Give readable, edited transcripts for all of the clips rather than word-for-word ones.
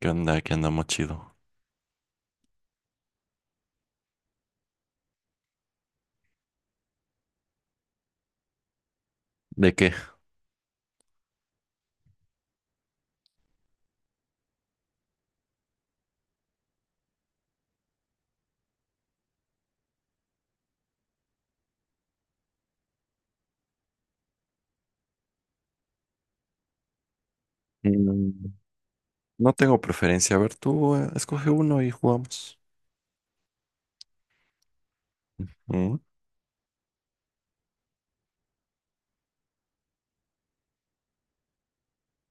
¿Qué onda? ¿Qué andamos chido? ¿De qué? Mm, no tengo preferencia. A ver, tú escoge uno y jugamos. Mm,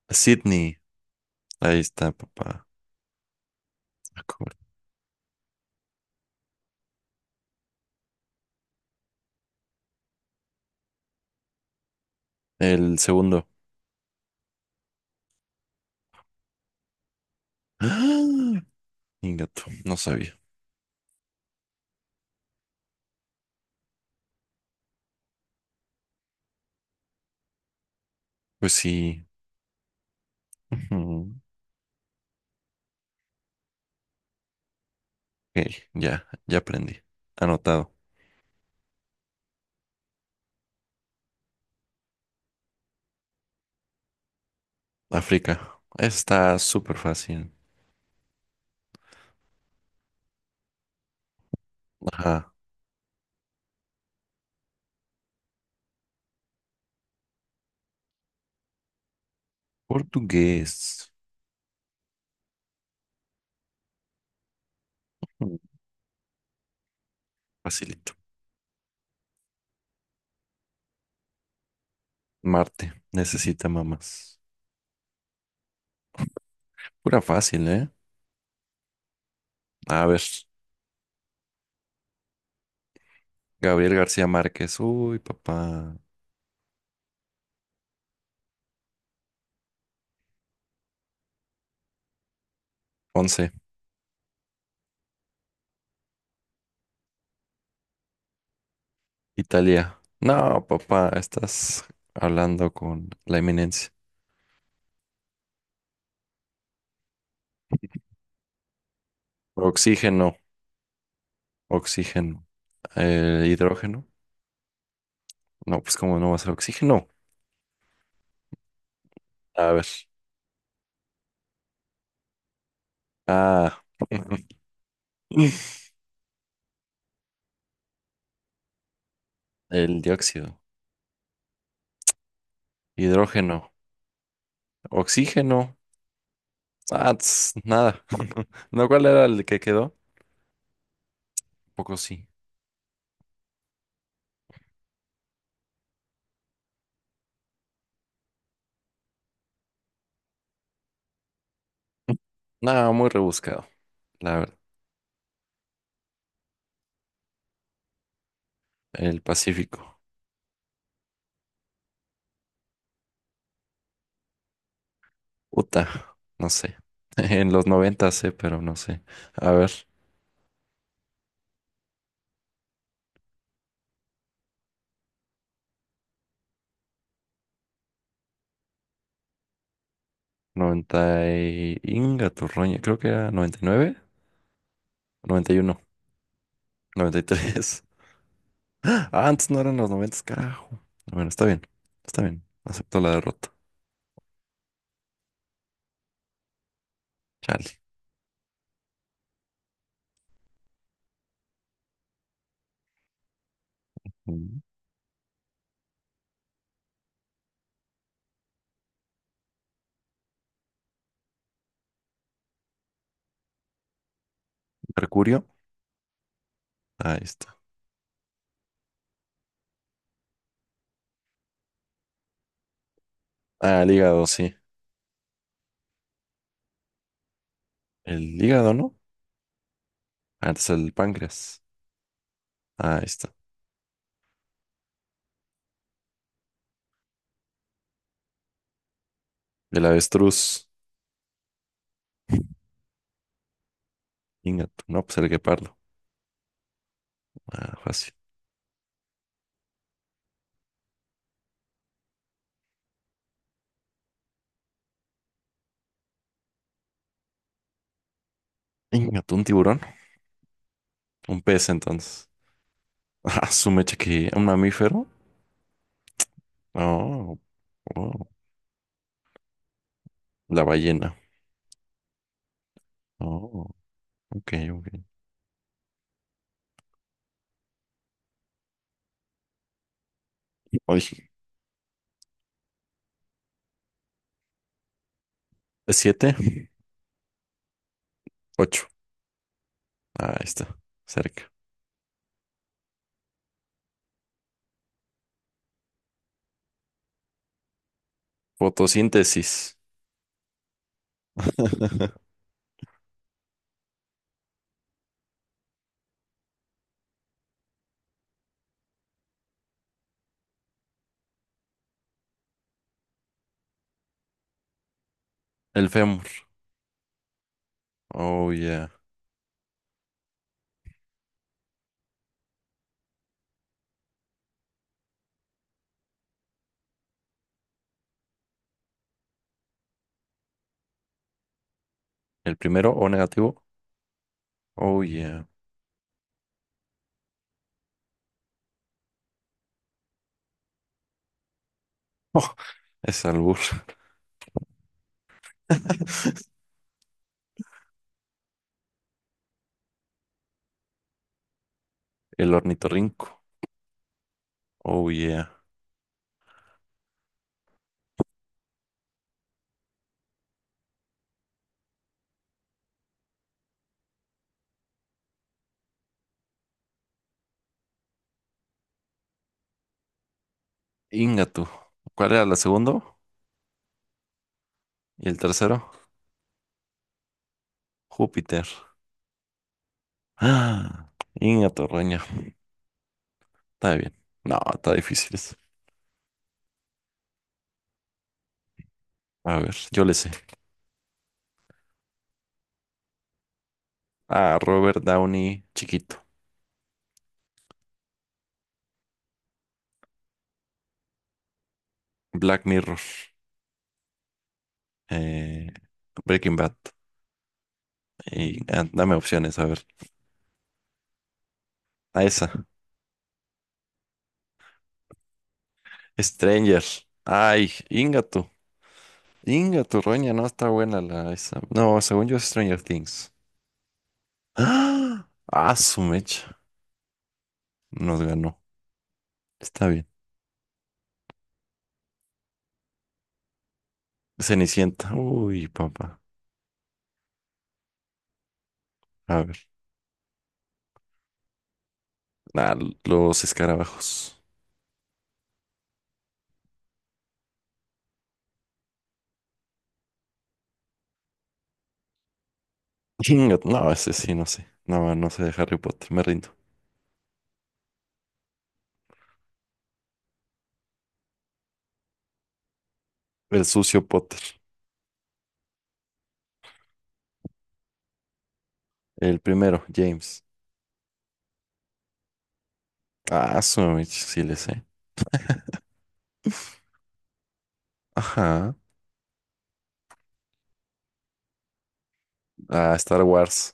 Sydney. Ahí está, papá. Ah, cabrón. El segundo. ¡Ah! Ingato, no sabía. Pues sí. Ujú. Ok, ya, ya aprendí. Anotado. África. Está súper fácil. Ajá. Portugués. Mm, Facilito. Marte. Necesita mamás. Pura fácil, ¿eh? A ver. Gabriel García Márquez. Uy, papá. Once. Italia. No, papá, estás hablando con la eminencia. Oxígeno, oxígeno. Hidrógeno. No, pues cómo no va a ser oxígeno. A ver. Ah, el dióxido. Hidrógeno. Oxígeno. Ah, tss, nada. ¿No cuál era el que quedó? Poco sí. Nada, muy rebuscado, la verdad. El Pacífico. Uta, no sé. En los 90 sé, pero no sé. A ver, 90 y... Inga tu roña, creo que era noventa y nueve, noventa y uno, noventa y nueve, 99, 91, 93. Ah, antes no eran los 90, carajo. Bueno, está bien, está bien. Acepto la derrota. Chale. Mm. Mercurio, ahí está. Ah, el hígado, sí. El hígado, ¿no? Antes el páncreas. Ahí está. El avestruz. No, pues el guepardo. Ah, fácil. Inga tu, un tiburón. Un pez, entonces. Ah, su mecha que un mamífero. Oh, oh, la ballena. Oh, ok, ok. Oye, siete, ocho. Ah, ahí está, cerca. Fotosíntesis. El fémur. Oh, yeah. El primero, O negativo. Oh, yeah. Oh, es albur. El ornitorrinco. Oh, yeah. Ingatu. ¿Cuál era el segundo? Y el tercero, Júpiter. Ah, Ingatorraña. Está bien. No, está difícil. A ver, yo le sé. Ah, Robert Downey, chiquito. Black Mirror, eh, Breaking Bad. Y, dame opciones, a ver. A esa. Stranger. Ay, Ingato. Ingato, Roña, no está buena la esa. No, según yo es Stranger Things. ¡Ah! Ah, su mecha. Nos ganó. Está bien. Cenicienta. Uy, papá. A ver. Ah, los escarabajos. Ingato. No, ese sí, no sé. No, no sé de Harry Potter. Me rindo. El sucio Potter. El primero, James. Ah, su mecha, sí le sé. Ajá. Ah, Star Wars.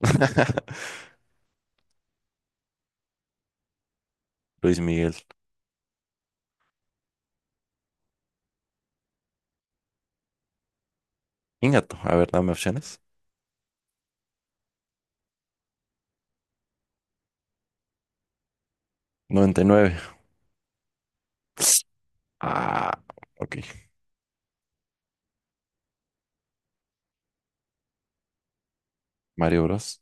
Luis Miguel. Ingato. A ver, dame opciones. 99. Ah, ok. Mario Bros.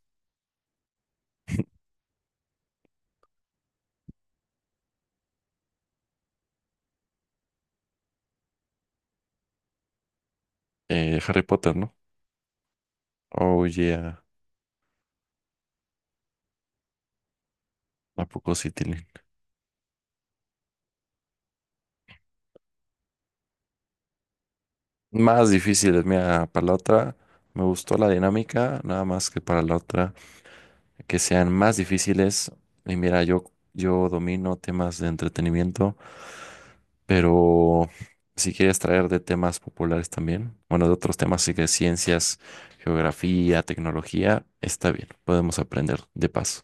Harry Potter, ¿no? Oh, yeah. ¿A poco sí tienen? Más difíciles, mira, para la otra me gustó la dinámica, nada más que para la otra que sean más difíciles. Y mira, yo domino temas de entretenimiento. Pero si quieres traer de temas populares también, bueno, de otros temas, así que ciencias, geografía, tecnología, está bien, podemos aprender de paso.